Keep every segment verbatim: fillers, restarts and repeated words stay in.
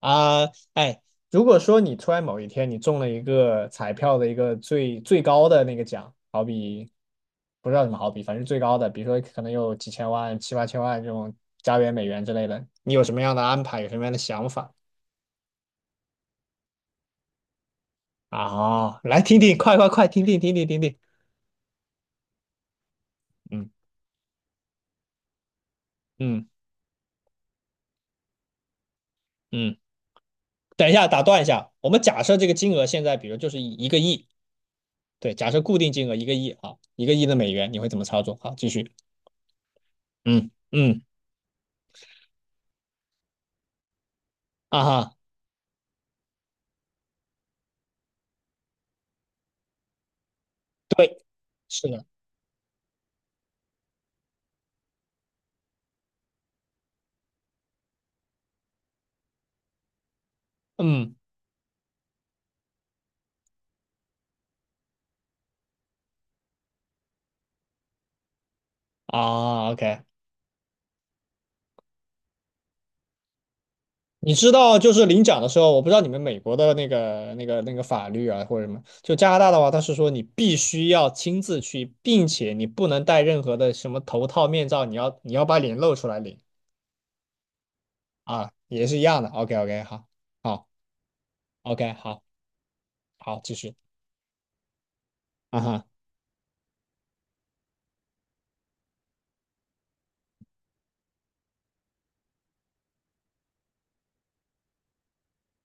啊，哎，如果说你突然某一天你中了一个彩票的一个最最高的那个奖，好比不知道怎么好比，反正最高的，比如说可能有几千万、七八千万这种加元、美元之类的，你有什么样的安排，有什么样的想法？啊？来听听，快快快，听听听听听听，嗯嗯嗯，等一下，打断一下，我们假设这个金额现在，比如就是一一个亿，对，假设固定金额一个亿啊，一个亿的美元，你会怎么操作？好，继续，嗯嗯，啊哈，对，是的。嗯啊，OK，你知道就是领奖的时候，我不知道你们美国的那个那个那个法律啊或者什么，就加拿大的话，它是说你必须要亲自去，并且你不能戴任何的什么头套、面罩，你要你要把脸露出来领啊，也是一样的。OK OK，好，好，OK，好，好，继续，啊哈，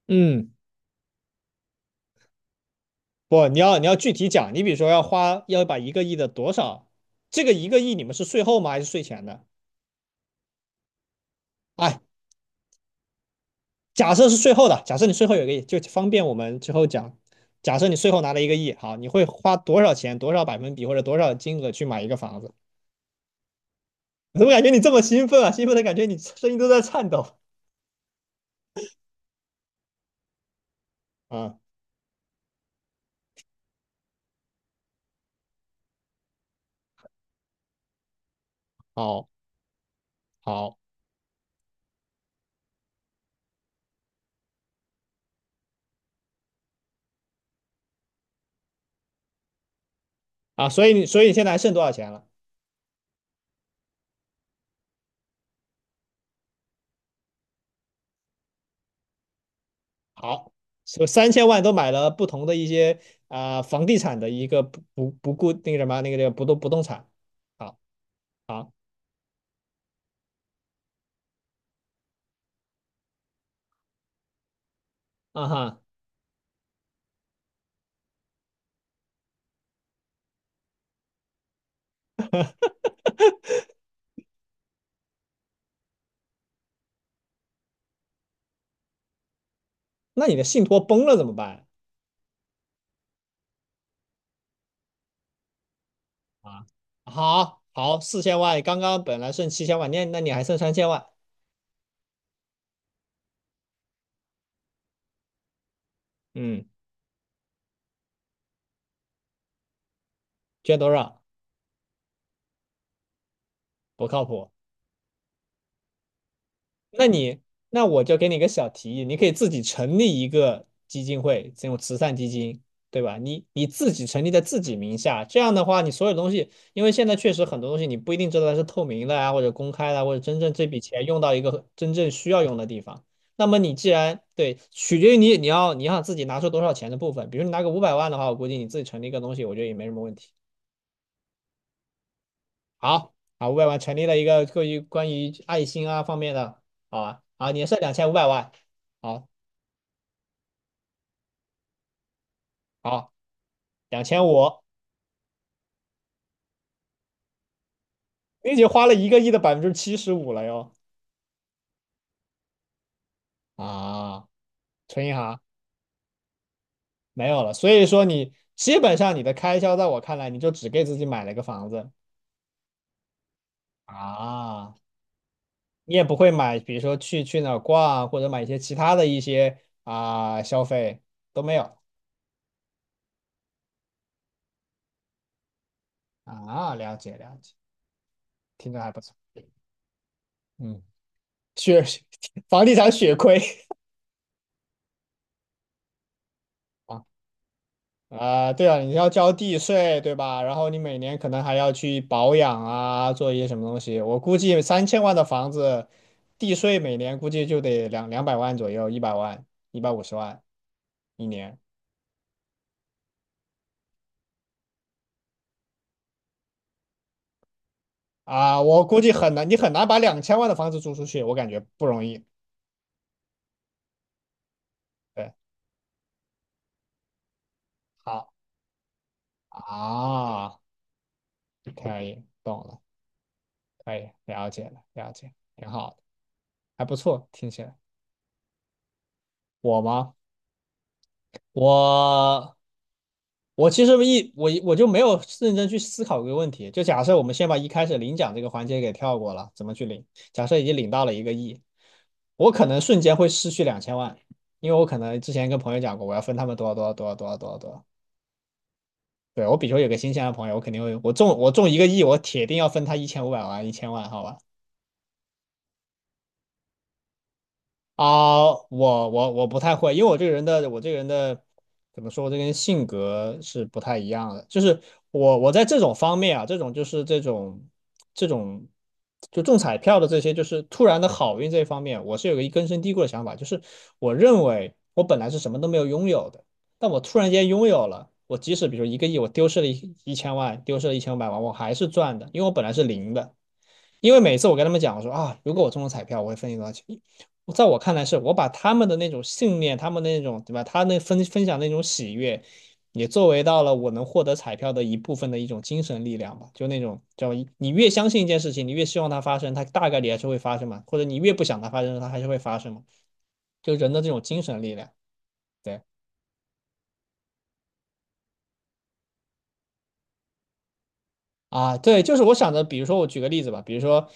嗯，不，你要你要具体讲，你比如说要花要把一个亿的多少，这个一个亿你们是税后吗还是税前的？哎，假设是税后的，假设你税后有个亿，就方便我们之后讲。假设你税后拿了一个亿，好，你会花多少钱、多少百分比或者多少金额去买一个房子？我怎么感觉你这么兴奋啊？兴奋的感觉你声音都在颤抖。嗯，好，好啊，所以你，所以你现在还剩多少钱了？好，所以三千万都买了不同的一些啊、呃房地产的一个不不不固那个什么那个那个不动不动产。好，好，啊哈，那你的信托崩了怎么办？啊，好好，四千万，刚刚本来剩七千万，那那你还剩三千万，嗯，捐多少？不靠谱。那你，那我就给你一个小提议，你可以自己成立一个基金会，这种慈善基金，对吧？你你自己成立在自己名下，这样的话，你所有东西，因为现在确实很多东西你不一定知道它是透明的啊，或者公开的啊或者真正这笔钱用到一个真正需要用的地方。那么你既然对，取决于你你要你要自己拿出多少钱的部分，比如你拿个五百万的话，我估计你自己成立一个东西，我觉得也没什么问题。好，啊，五百万成立了一个关于关于爱心啊方面的，好啊，啊，年设两千五百万，好，好，两千五，你已经花了一个亿的百分之七十五了哟，啊，存银行没有了，所以说你基本上你的开销在我看来，你就只给自己买了一个房子啊，你也不会买，比如说去去哪儿逛或者买一些其他的一些啊消费都没有啊，了解了解，听着还不错，嗯，血 房地产血亏。啊，啊，对啊，你要交地税，对吧？然后你每年可能还要去保养啊，做一些什么东西。我估计三千万的房子，地税每年估计就得两两百万左右，一百万、一百五十万一年啊。我估计很难，你很难把两千万的房子租出去，我感觉不容易。对，好啊，可以，懂了，可以，了解了，了解，挺好的，还不错，听起来。我吗？我我其实一我我就没有认真去思考这个问题。就假设我们先把一开始领奖这个环节给跳过了，怎么去领？假设已经领到了一个亿，我可能瞬间会失去两千万，因为我可能之前跟朋友讲过，我要分他们多少多少多少多少多少多少。对，我比如说有个新鲜的朋友，我肯定会，我中我中一个亿，我铁定要分他一千五百万一千万，好吧？啊，我我我不太会，因为我这个人的我这个人的怎么说，我这个人性格是不太一样的。就是我我在这种方面啊，这种就是这种这种就中彩票的这些，就是突然的好运这一方面，我是有一个根深蒂固的想法，就是我认为我本来是什么都没有拥有的，但我突然间拥有了。我即使比如一个亿，我丢失了一一千万，丢失了一千五百万，我还是赚的，因为我本来是零的。因为每次我跟他们讲，我说啊，如果我中了彩票，我会分你多少钱。在我看来是，我把他们的那种信念，他们的那种对吧，他那分分享那种喜悦，也作为到了我能获得彩票的一部分的一种精神力量吧。就那种叫你越相信一件事情，你越希望它发生，它大概率还是会发生嘛；或者你越不想它发生，它还是会发生嘛。就人的这种精神力量，对。啊，对，就是我想着，比如说我举个例子吧，比如说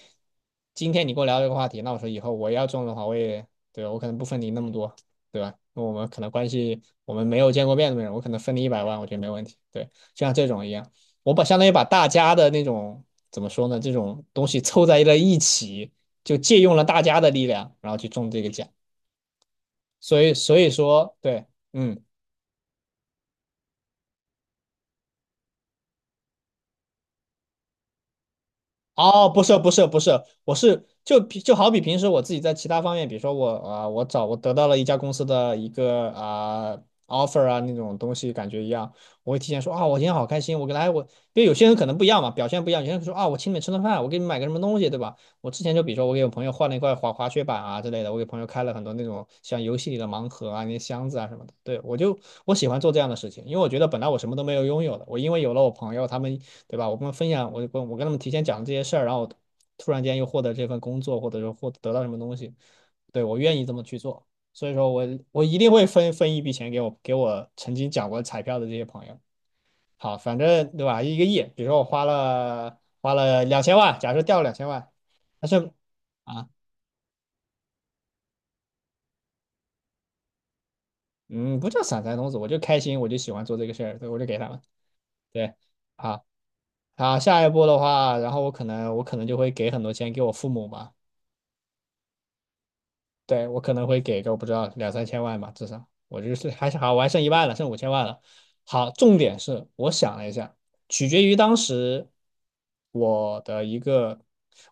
今天你跟我聊这个话题，那我说以后我要中的话，我也对我可能不分你那么多，对吧？那我们可能关系我们没有见过面的人，我可能分你一百万，我觉得没问题。对，就像这种一样，我把相当于把大家的那种怎么说呢，这种东西凑在了一起，就借用了大家的力量，然后去中这个奖。所以，所以说，对，嗯。哦，不是不是不是，我是就比就好比平时我自己在其他方面，比如说我啊、我找我得到了一家公司的一个啊、offer 啊那种东西，感觉一样，我会提前说啊，我今天好开心，我给来我，因为有些人可能不一样嘛，表现不一样，有些人说啊，我请你们吃顿饭，我给你们买个什么东西，对吧？我之前就比如说我给我朋友换了一块滑滑雪板啊之类的，我给朋友开了很多那种像游戏里的盲盒啊、那些箱子啊什么的。对，我就我喜欢做这样的事情，因为我觉得本来我什么都没有拥有的，我因为有了我朋友他们，对吧？我跟他们分享，我跟我跟他们提前讲这些事儿，然后突然间又获得这份工作，或者说获得到什么东西，对，我愿意这么去做。所以说我我一定会分分一笔钱给我给我曾经讲过彩票的这些朋友。好，反正对吧？一个亿，比如说我花了花了两千万，假设掉了两千万，但是啊，嗯，不叫散财童子，我就开心，我就喜欢做这个事儿，对，我就给他们。对，好，好，下一步的话，然后我可能我可能就会给很多钱给我父母吧。对，我可能会给个我不知道两三千万吧，至少我就是还是好，我还剩一万了，剩五千万了。好，重点是我想了一下，取决于当时我的一个，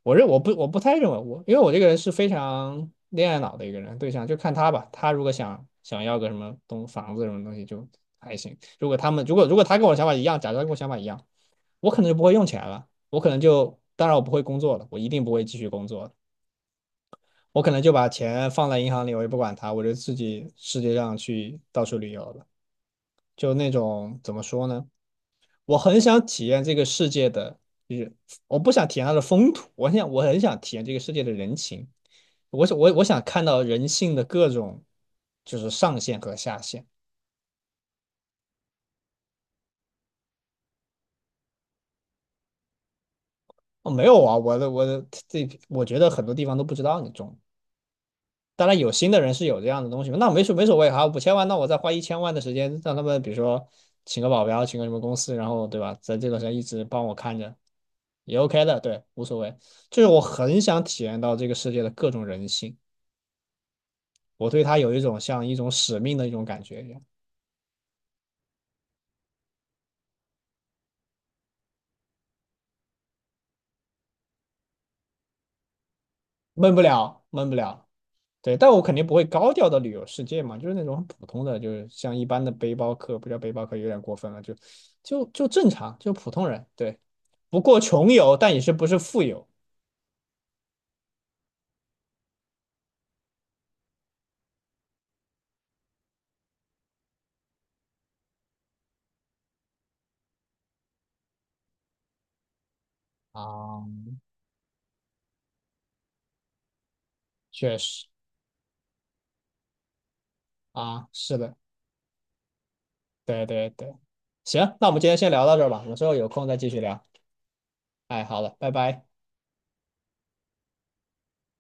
我认我不我不太认为我，因为我这个人是非常恋爱脑的一个人，对象就看他吧，他如果想想要个什么东房子什么东西就还行，如果他们如果如果他跟我想法一样，假装跟我想法一样，我可能就不会用钱了，我可能就当然我不会工作了，我一定不会继续工作我可能就把钱放在银行里，我也不管它，我就自己世界上去到处旅游了。就那种怎么说呢？我很想体验这个世界的，就是我不想体验它的风土，我想我很想体验这个世界的人情。我想我我想看到人性的各种，就是上限和下限。哦，没有啊，我的我的这，我觉得很多地方都不知道你中当然有心的人是有这样的东西那没所没所谓哈，五千万，那我再花一千万的时间让他们，比如说请个保镖，请个什么公司，然后对吧，在这段时间一直帮我看着，也 OK 的，对，无所谓。就是我很想体验到这个世界的各种人性，我对他有一种像一种使命的一种感觉一样，闷不了，闷不了。对，但我肯定不会高调的旅游世界嘛，就是那种很普通的，就是像一般的背包客，不叫背包客有点过分了，就就就正常，就普通人，对，不过穷游，但也是不是富游啊，确实啊，是的，对对对，行，那我们今天先聊到这儿吧，我们之后有空再继续聊。哎，好了，拜拜。